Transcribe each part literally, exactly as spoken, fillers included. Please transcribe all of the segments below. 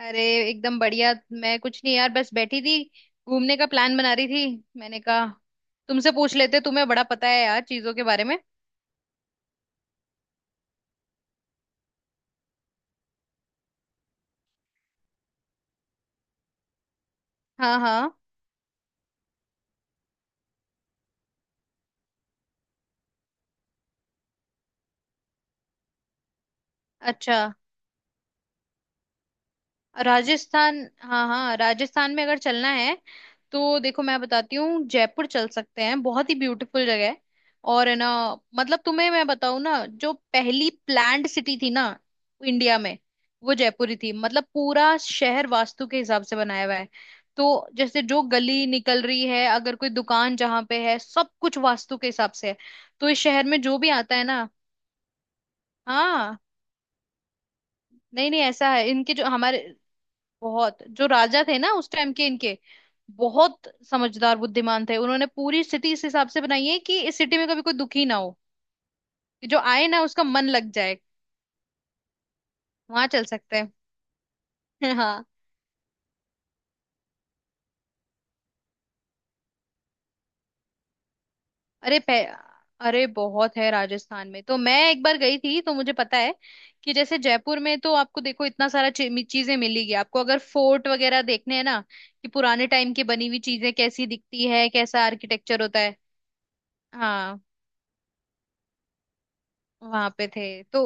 अरे, एकदम बढ़िया। मैं कुछ नहीं यार, बस बैठी थी। घूमने का प्लान बना रही थी, मैंने कहा तुमसे पूछ लेते, तुम्हें बड़ा पता है यार चीजों के बारे में। हाँ हाँ। अच्छा। राजस्थान, हाँ हाँ, राजस्थान में अगर चलना है तो देखो मैं बताती हूँ, जयपुर चल सकते हैं, बहुत ही ब्यूटीफुल जगह है। और है ना। मतलब तुम्हें मैं बताऊँ ना, जो पहली प्लान्ड सिटी थी ना इंडिया में, वो जयपुर ही थी। मतलब पूरा शहर वास्तु के हिसाब से बनाया हुआ है। तो जैसे जो गली निकल रही है, अगर कोई दुकान जहाँ पे है, सब कुछ वास्तु के हिसाब से है। तो इस शहर में जो भी आता है ना। हाँ। नहीं नहीं, ऐसा है, इनके जो हमारे बहुत जो राजा थे ना उस टाइम के, इनके बहुत समझदार बुद्धिमान थे, उन्होंने पूरी सिटी इस हिसाब से बनाई है कि इस सिटी में कभी कोई दुखी ना हो, कि जो आए ना उसका मन लग जाए। वहां चल सकते हैं। हाँ। अरे पह... अरे बहुत है राजस्थान में। तो मैं एक बार गई थी तो मुझे पता है कि जैसे जयपुर में तो आपको, देखो, इतना सारा ची- चीजें मिलेगी आपको। अगर फोर्ट वगैरह देखने हैं ना, कि पुराने टाइम की बनी हुई चीजें कैसी दिखती है, कैसा आर्किटेक्चर होता है। हाँ। वहां पे थे। तो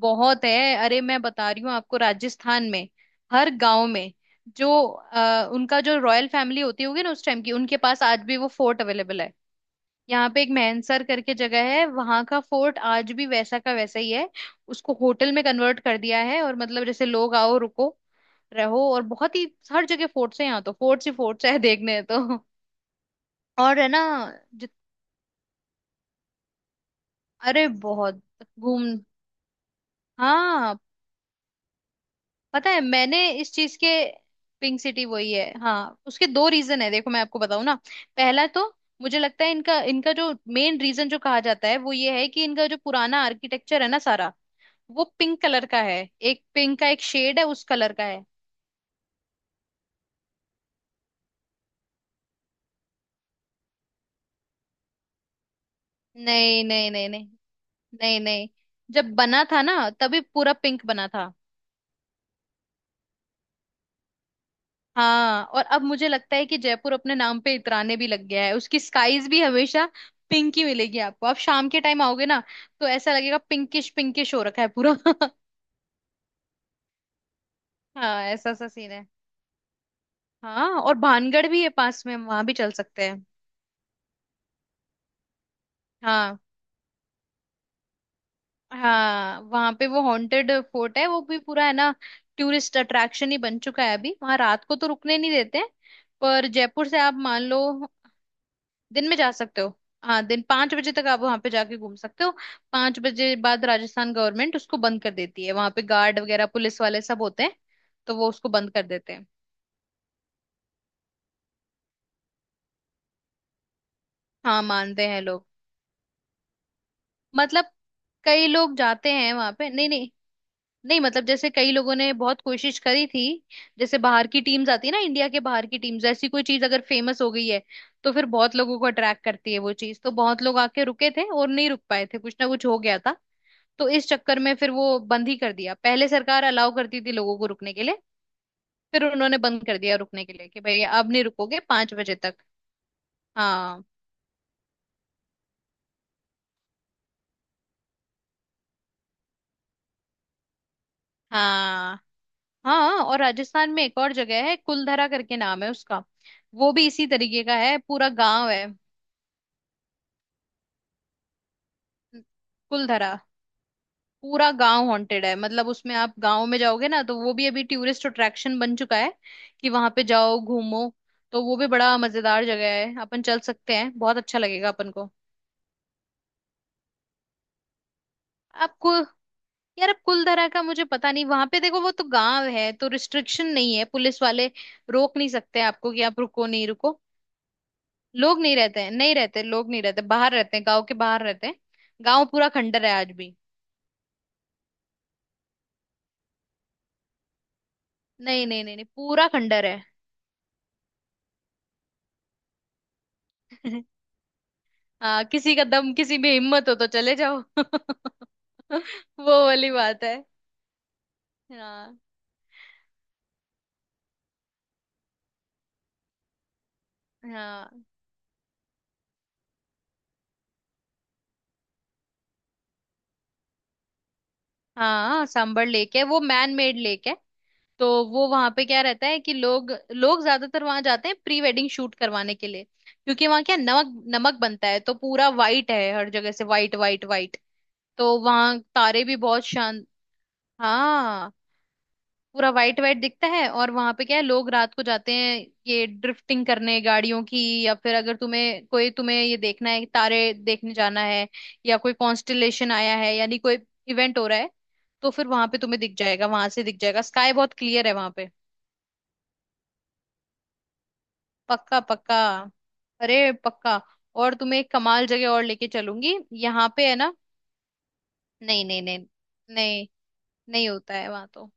बहुत है, अरे मैं बता रही हूँ आपको, राजस्थान में हर गांव में जो अ, उनका जो रॉयल फैमिली होती होगी ना उस टाइम की, उनके पास आज भी वो फोर्ट अवेलेबल है। यहाँ पे एक मैनसर करके जगह है, वहां का फोर्ट आज भी वैसा का वैसा ही है। उसको होटल में कन्वर्ट कर दिया है, और मतलब जैसे लोग आओ रुको रहो। और बहुत ही, हर जगह फोर्ट्स है यहाँ, तो फोर्ट्स ही फोर्ट्स है देखने तो। और है ना। जित- अरे बहुत घूम। हाँ पता है मैंने इस चीज के। पिंक सिटी वही है, हाँ। उसके दो रीजन है, देखो मैं आपको बताऊं ना। पहला तो मुझे लगता है इनका इनका जो मेन रीजन जो कहा जाता है वो ये है कि इनका जो पुराना आर्किटेक्चर है ना सारा, वो पिंक कलर का है। एक पिंक का, एक शेड है उस कलर का है। नहीं नहीं नहीं नहीं। नहीं नहीं। जब बना था ना तभी पूरा पिंक बना था। हाँ, और अब मुझे लगता है कि जयपुर अपने नाम पे इतराने भी लग गया है, उसकी स्काईज भी हमेशा पिंक ही मिलेगी आपको। आप शाम के टाइम आओगे ना तो ऐसा लगेगा, पिंकिश पिंकिश हो रखा है पूरा। हाँ ऐसा सा सीन है। हाँ और भानगढ़ भी है पास में, हम वहां भी चल सकते हैं। हाँ। हाँ वहां पे वो हॉन्टेड फोर्ट है, वो भी पूरा है ना। टूरिस्ट अट्रैक्शन ही बन चुका है अभी, वहां रात को तो रुकने नहीं देते। पर जयपुर से आप मान लो दिन में जा सकते हो। हाँ दिन पांच बजे तक आप वहां पे जाके घूम सकते हो। पांच बजे बाद राजस्थान गवर्नमेंट उसको बंद कर देती है, वहां पे गार्ड वगैरह पुलिस वाले सब होते हैं, तो वो उसको बंद कर देते हैं। हाँ मानते हैं लोग। मतलब कई लोग जाते हैं वहां पे। नहीं नहीं नहीं। मतलब जैसे कई लोगों ने बहुत कोशिश करी थी। जैसे बाहर की टीम्स आती है ना, इंडिया के बाहर की टीम्स, ऐसी कोई चीज अगर फेमस हो गई है तो फिर बहुत लोगों को अट्रैक्ट करती है वो चीज। तो बहुत लोग आके रुके थे और नहीं रुक पाए थे, कुछ ना कुछ हो गया था। तो इस चक्कर में फिर वो बंद ही कर दिया। पहले सरकार अलाउ करती थी लोगों को रुकने के लिए, फिर उन्होंने बंद कर दिया रुकने के लिए कि भाई अब नहीं रुकोगे पांच बजे तक। हाँ हाँ हाँ। और राजस्थान में एक और जगह है, कुलधरा करके नाम है उसका। वो भी इसी तरीके का है, पूरा गांव है। कुलधरा पूरा गांव हॉन्टेड है, मतलब उसमें आप गांव में जाओगे ना, तो वो भी अभी टूरिस्ट अट्रैक्शन बन चुका है, कि वहां पे जाओ घूमो। तो वो भी बड़ा मजेदार जगह है, अपन चल सकते हैं, बहुत अच्छा लगेगा अपन को। आपको यार, अब कुलधरा का मुझे पता नहीं, वहां पे देखो वो तो गांव है तो रिस्ट्रिक्शन नहीं है, पुलिस वाले रोक नहीं सकते आपको कि आप रुको नहीं रुको। लोग नहीं रहते हैं, नहीं रहते लोग नहीं रहते, बाहर रहते हैं, गांव के बाहर रहते हैं। गांव पूरा खंडर है आज भी। नहीं नहीं नहीं नहीं, पूरा खंडर है। हाँ किसी का दम, किसी में हिम्मत हो तो चले जाओ वो वाली बात है। हाँ। हाँ हाँ सांबर लेक है, वो मैन मेड लेक है। तो वो वहां पे क्या रहता है कि लोग लोग ज्यादातर वहां जाते हैं प्री वेडिंग शूट करवाने के लिए, क्योंकि वहां क्या, नमक नमक बनता है, तो पूरा वाइट है हर जगह से, वाइट वाइट वाइट। तो वहां तारे भी बहुत शान। हाँ पूरा वाइट वाइट दिखता है। और वहां पे क्या है, लोग रात को जाते हैं ये ड्रिफ्टिंग करने गाड़ियों की। या फिर अगर तुम्हें कोई तुम्हें ये देखना है, तारे देखने जाना है, या कोई कॉन्स्टलेशन आया है, यानी कोई इवेंट हो रहा है, तो फिर वहां पे तुम्हें दिख जाएगा, वहां से दिख जाएगा, स्काई बहुत क्लियर है वहां पे। पक्का पक्का। अरे पक्का। और तुम्हें एक कमाल जगह और लेके चलूंगी। यहाँ पे है ना। नहीं नहीं नहीं नहीं। नहीं होता है वहां तो।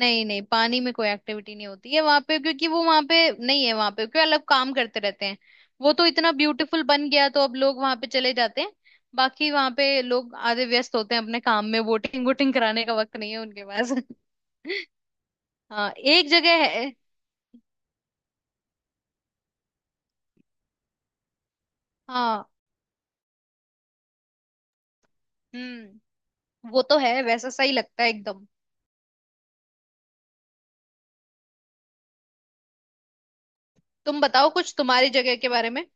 नहीं नहीं, पानी में कोई एक्टिविटी नहीं होती है वहां पे। क्योंकि वो वहां पे नहीं है वहां पे, क्योंकि अलग काम करते रहते हैं। वो तो इतना ब्यूटीफुल बन गया तो अब लोग वहां पे चले जाते हैं। बाकी वहां पे लोग आधे व्यस्त होते हैं अपने काम में, वोटिंग वोटिंग कराने का वक्त नहीं है उनके पास। हाँ एक जगह है। हाँ। हम्म। वो तो है, वैसा सही लगता है एकदम। तुम बताओ कुछ तुम्हारी जगह के बारे में।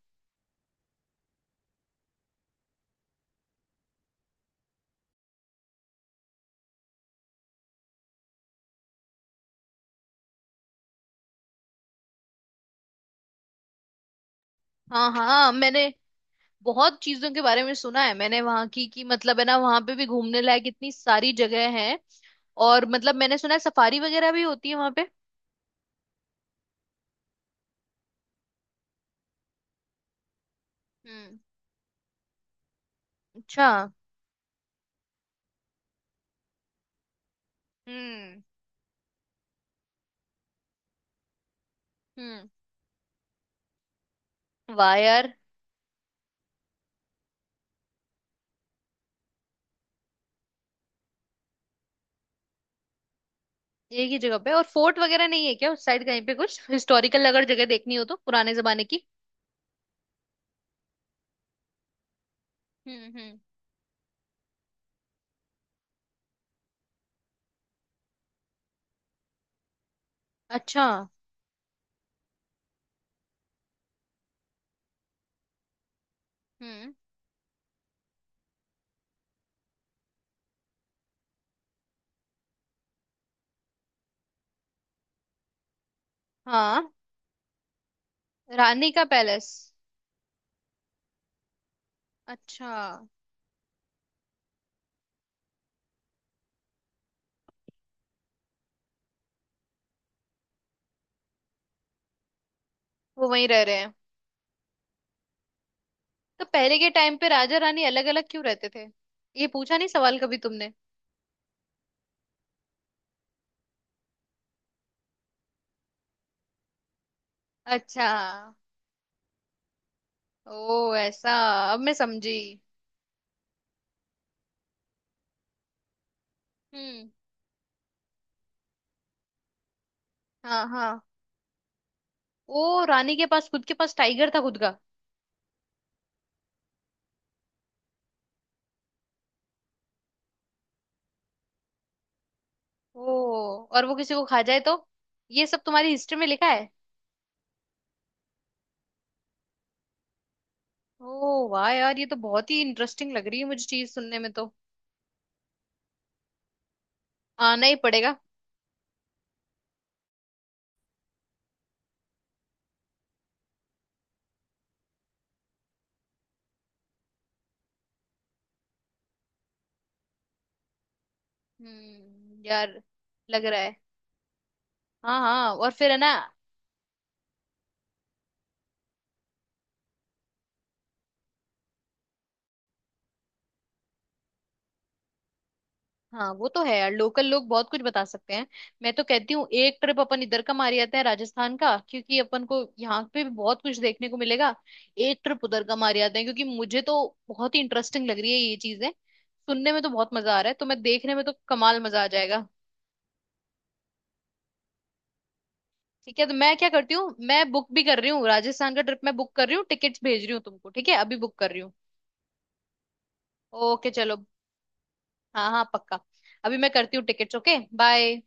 हाँ हाँ मैंने बहुत चीजों के बारे में सुना है, मैंने वहां की कि मतलब है ना, वहां पे भी घूमने लायक इतनी सारी जगह है। और मतलब मैंने सुना है सफारी वगैरह भी होती है वहां पे। हम्म। अच्छा। हम्म हम्म। वाह यार। एक ही जगह पे, और फोर्ट वगैरह नहीं है क्या उस साइड कहीं पे, कुछ हिस्टोरिकल अगर जगह देखनी हो तो पुराने जमाने की। हम्म हम्म। अच्छा। हम्म। हाँ, रानी का पैलेस। अच्छा। वो वहीं रह रहे हैं। तो पहले के टाइम पे राजा रानी अलग अलग क्यों रहते थे, ये पूछा नहीं सवाल कभी तुमने। अच्छा। ओ ऐसा। अब मैं समझी। हम्म। हाँ हाँ। ओ, रानी के पास, खुद के पास टाइगर था खुद का। ओ, और वो किसी को खा जाए तो, ये सब तुम्हारी हिस्ट्री में लिखा है। ओ वाह यार, ये तो बहुत ही इंटरेस्टिंग लग रही है मुझे चीज सुनने में तो। आना ही पड़ेगा। हम्म यार, लग रहा है। हाँ हाँ और फिर है ना। हाँ वो तो है यार, लोकल लोग बहुत कुछ बता सकते हैं। मैं तो कहती हूँ एक ट्रिप अपन इधर का मार आते हैं राजस्थान का, क्योंकि अपन को यहाँ पे भी बहुत कुछ देखने को मिलेगा। एक ट्रिप उधर का मार आते हैं, क्योंकि मुझे तो बहुत ही इंटरेस्टिंग लग रही है ये चीजें सुनने में, तो बहुत मजा आ रहा है, तो मैं देखने में तो कमाल मजा आ जाएगा। ठीक है तो मैं क्या करती हूँ, मैं बुक भी कर रही हूँ, राजस्थान का ट्रिप मैं बुक कर रही हूँ, टिकट्स भेज रही हूँ तुमको, ठीक है, अभी बुक कर रही हूँ। ओके चलो। हाँ हाँ पक्का। अभी मैं करती हूँ टिकट्स। Okay bye.